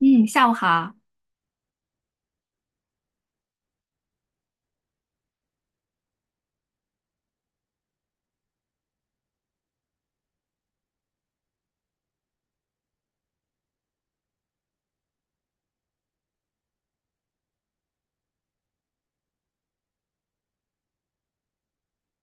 嗯，下午好。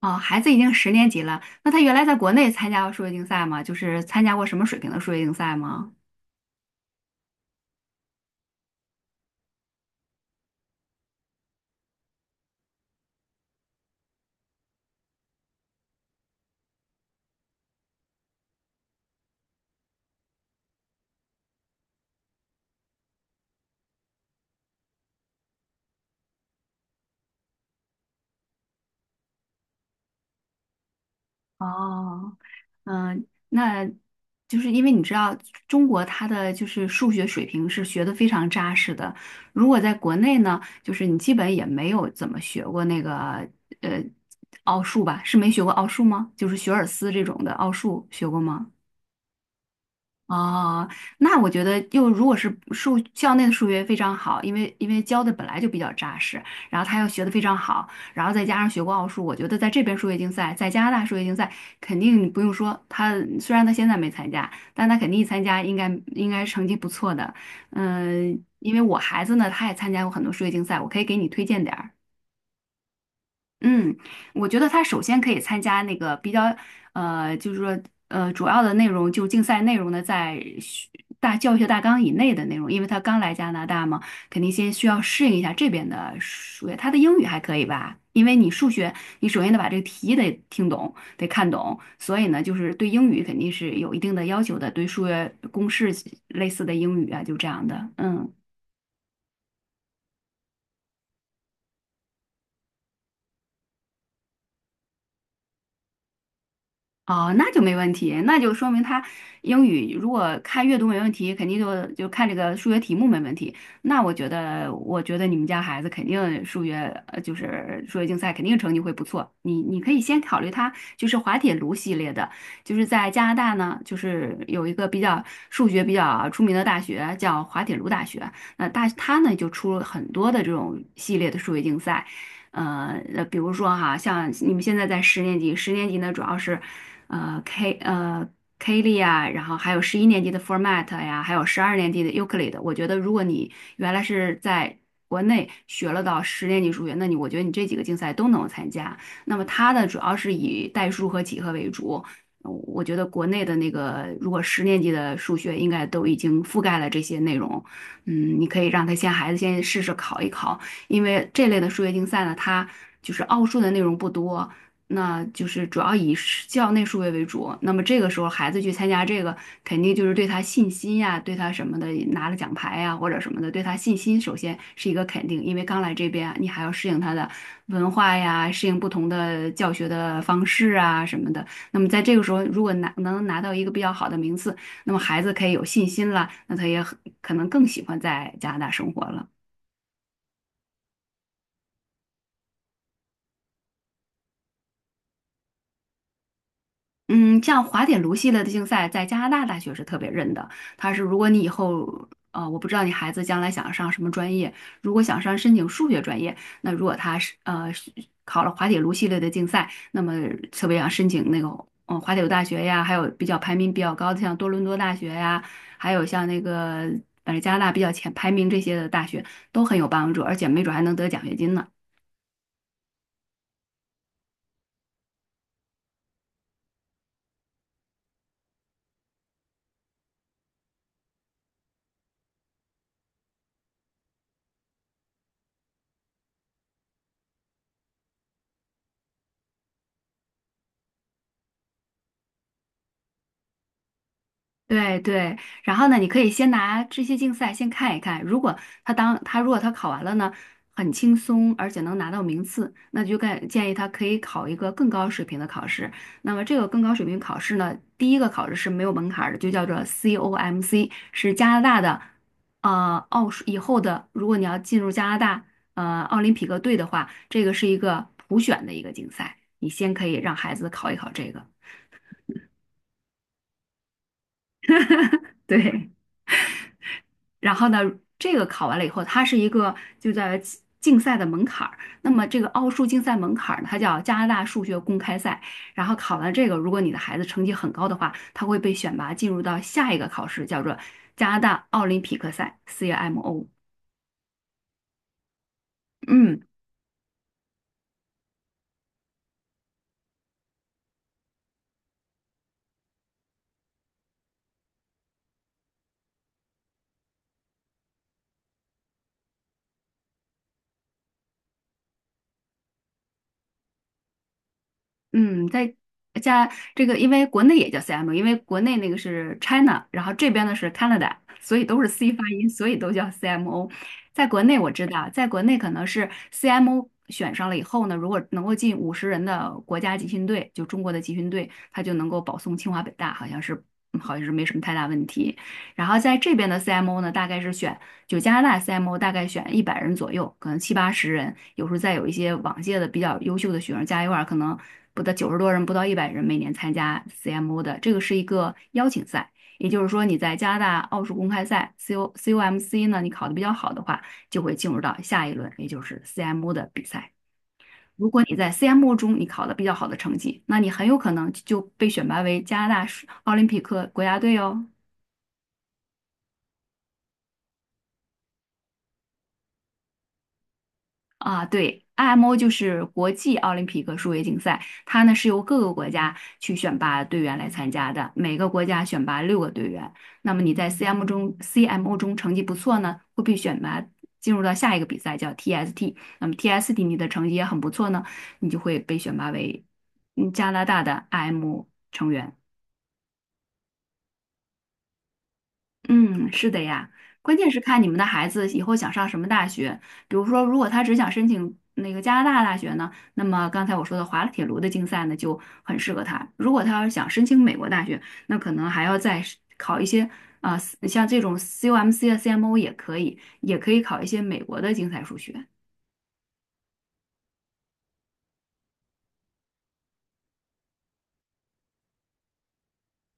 哦，孩子已经十年级了，那他原来在国内参加过数学竞赛吗？就是参加过什么水平的数学竞赛吗？哦，嗯，那就是因为你知道中国它的就是数学水平是学的非常扎实的，如果在国内呢，就是你基本也没有怎么学过那个呃奥数吧？是没学过奥数吗？就是学尔斯这种的奥数学过吗？哦，那我觉得又如果是校内的数学非常好，因为教的本来就比较扎实，然后他又学的非常好，然后再加上学过奥数，我觉得在这边数学竞赛，在加拿大数学竞赛肯定不用说，虽然他现在没参加，但他肯定一参加应该成绩不错的。嗯、因为我孩子呢，他也参加过很多数学竞赛，我可以给你推荐点儿。嗯，我觉得他首先可以参加那个比较，就是说，主要的内容就竞赛内容呢，在学大教学大纲以内的内容，因为他刚来加拿大嘛，肯定先需要适应一下这边的数学。他的英语还可以吧？因为你数学，你首先得把这个题得听懂，得看懂，所以呢，就是对英语肯定是有一定的要求的，对数学公式类似的英语啊，就这样的，嗯。哦，那就没问题，那就说明他英语如果看阅读没问题，肯定就看这个数学题目没问题。那我觉得你们家孩子肯定数学，就是数学竞赛肯定成绩会不错。你可以先考虑他就是滑铁卢系列的，就是在加拿大呢，就是有一个比较数学比较出名的大学叫滑铁卢大学，那他呢就出了很多的这种系列的数学竞赛。比如说哈，像你们现在在十年级，十年级呢主要是，呃 K 呃 K 力啊，然后还有十一年级的 Format 呀，还有十二年级的 Euclid。我觉得如果你原来是在国内学了到十年级数学，那我觉得你这几个竞赛都能参加。那么它呢主要是以代数和几何为主。我觉得国内的那个，如果十年级的数学应该都已经覆盖了这些内容，嗯，你可以让孩子先试试考一考，因为这类的数学竞赛呢，它就是奥数的内容不多，那就是主要以是校内数学为主。那么这个时候孩子去参加这个，肯定就是对他信心呀，对他什么的拿了奖牌呀或者什么的，对他信心首先是一个肯定，因为刚来这边你还要适应他的文化呀，适应不同的教学的方式啊什么的。那么在这个时候，如果能拿到一个比较好的名次，那么孩子可以有信心了，那他也很可能更喜欢在加拿大生活了。嗯，像滑铁卢系列的竞赛，在加拿大大学是特别认的。它是如果你以后，我不知道你孩子将来想上什么专业，如果想申请数学专业，那如果他是考了滑铁卢系列的竞赛，那么特别想申请那个滑铁卢大学呀，还有比较排名比较高的像多伦多大学呀，还有像那个反正加拿大比较前排名这些的大学都很有帮助，而且没准还能得奖学金呢。对对，然后呢，你可以先拿这些竞赛先看一看，如果他当他如果他考完了呢，很轻松，而且能拿到名次，那就建议他可以考一个更高水平的考试。那么这个更高水平考试呢，第一个考试是没有门槛儿的，就叫做 COMC，是加拿大的，奥数以后的，如果你要进入加拿大奥林匹克队的话，这个是一个普选的一个竞赛，你先可以让孩子考一考这个，对。然后呢，这个考完了以后，它是一个就在竞赛的门槛儿。那么这个奥数竞赛门槛儿呢，它叫加拿大数学公开赛。然后考完这个，如果你的孩子成绩很高的话，他会被选拔进入到下一个考试，叫做加拿大奥林匹克赛 （CMO）。嗯，嗯，在加这个，因为国内也叫 CMO，因为国内那个是 China，然后这边呢是 Canada，所以都是 C 发音，所以都叫 CMO。在国内我知道，在国内可能是 CMO 选上了以后呢，如果能够进50人的国家集训队，就中国的集训队，他就能够保送清华北大，好像是没什么太大问题。然后在这边的 CMO 呢，大概是选。就加拿大 CMO 大概选一百人左右，可能七八十人，有时候再有一些往届的比较优秀的学生加一块儿，可能不到90多人，不到一百人每年参加 CMO 的，这个是一个邀请赛。也就是说，你在加拿大奥数公开赛 c O m c 呢，你考得比较好的话，就会进入到下一轮，也就是 CMO 的比赛。如果你在 CMO 中你考得比较好的成绩，那你很有可能就被选拔为加拿大奥林匹克国家队哦。啊，对，IMO 就是国际奥林匹克数学竞赛，它呢是由各个国家去选拔队员来参加的，每个国家选拔6个队员。那么你在 CMO 中成绩不错呢，会被选拔进入到下一个比赛叫 TST。那么 TST 你的成绩也很不错呢，你就会被选拔为加拿大的 IMO 成员。嗯，是的呀，关键是看你们的孩子以后想上什么大学。比如说，如果他只想申请那个加拿大大学呢，那么刚才我说的滑铁卢的竞赛呢就很适合他。如果他要是想申请美国大学，那可能还要再是考一些啊、像这种 CUMC 啊、CMO 也可以，也可以考一些美国的竞赛数学。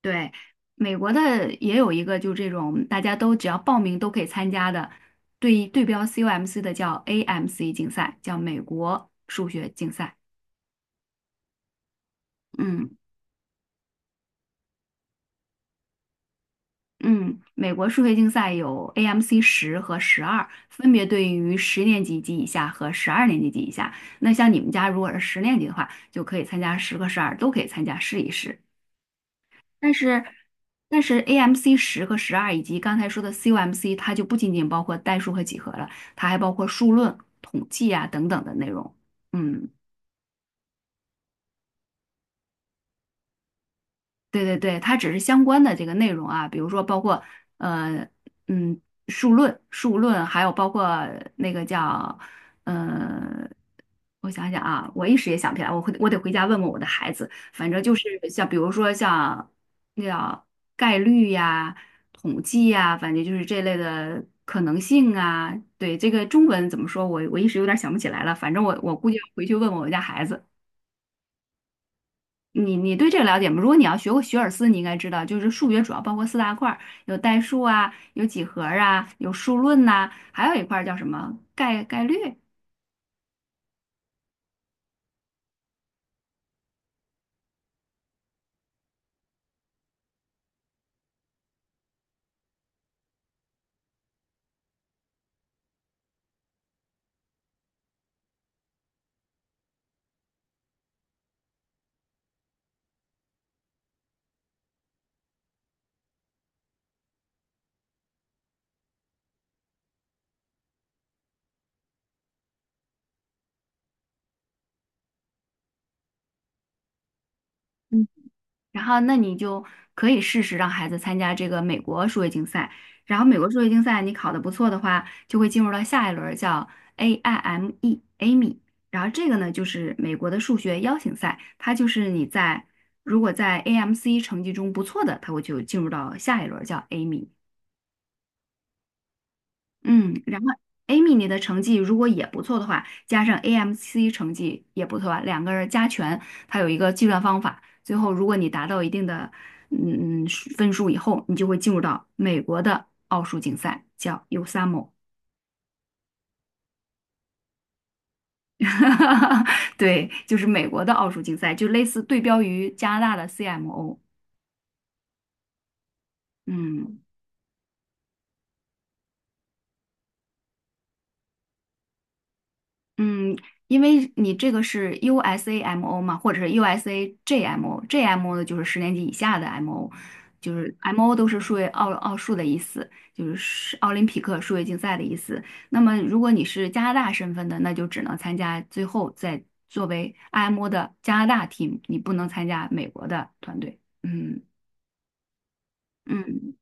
对，美国的也有一个，就这种大家都只要报名都可以参加的，对对标 COMC 的叫 AMC 竞赛，叫美国数学竞赛。嗯嗯，美国数学竞赛有 AMC 十和十二，分别对应于十年级及以下和十二年级及以下。那像你们家如果是十年级的话，就可以参加十和十二，都可以参加试一试。但是，但是 AMC 十和十二以及刚才说的 CUMC 它就不仅仅包括代数和几何了，它还包括数论、统计啊等等的内容。嗯。对对对，它只是相关的这个内容啊，比如说包括呃嗯数论，还有包括那个叫呃，我想想啊，我一时也想不起来，我得回家问问我的孩子。反正就是像比如说像那叫概率呀、统计呀，反正就是这类的可能性啊。对，这个中文怎么说，我一时有点想不起来了，反正我估计要回去问问我家孩子。你对这个了解吗？如果你要学过学而思，你应该知道，就是数学主要包括四大块儿，有代数啊，有几何啊，有数论呐、还有一块儿叫什么概率。嗯，然后那你就可以试试让孩子参加这个美国数学竞赛。然后美国数学竞赛你考的不错的话，就会进入到下一轮儿叫 AIME AIME。然后这个呢就是美国的数学邀请赛，它就是如果在 AMC 成绩中不错的，它会就进入到下一轮儿叫 AIME。嗯，然后 Amy 你的成绩如果也不错的话，加上 AMC 成绩也不错啊，2个人加权，它有一个计算方法。最后，如果你达到一定的嗯嗯数分数以后，你就会进入到美国的奥数竞赛，叫 USAMO。对，就是美国的奥数竞赛，就类似对标于加拿大的 CMO。嗯。嗯，因为你这个是 USAMO 嘛，或者是 USAJMO，JMO 呢就是十年级以下的 MO，就是 MO 都是数学奥数的意思，就是奥林匹克数学竞赛的意思。那么如果你是加拿大身份的，那就只能参加最后再作为 IMO 的加拿大 team，你不能参加美国的团队。嗯嗯。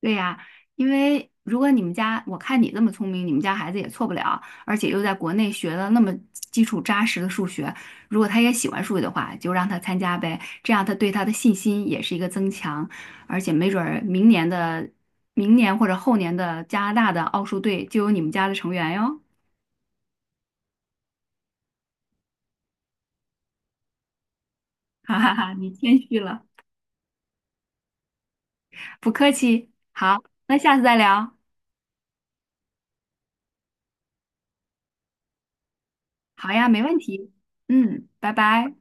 对呀，因为如果你们家，我看你这么聪明，你们家孩子也错不了，而且又在国内学了那么基础扎实的数学，如果他也喜欢数学的话，就让他参加呗，这样他对他的信心也是一个增强，而且没准儿明年或者后年的加拿大的奥数队就有你们家的成员哟，哈哈哈，你谦虚了，不客气。好，那下次再聊。好呀，没问题。嗯，拜拜。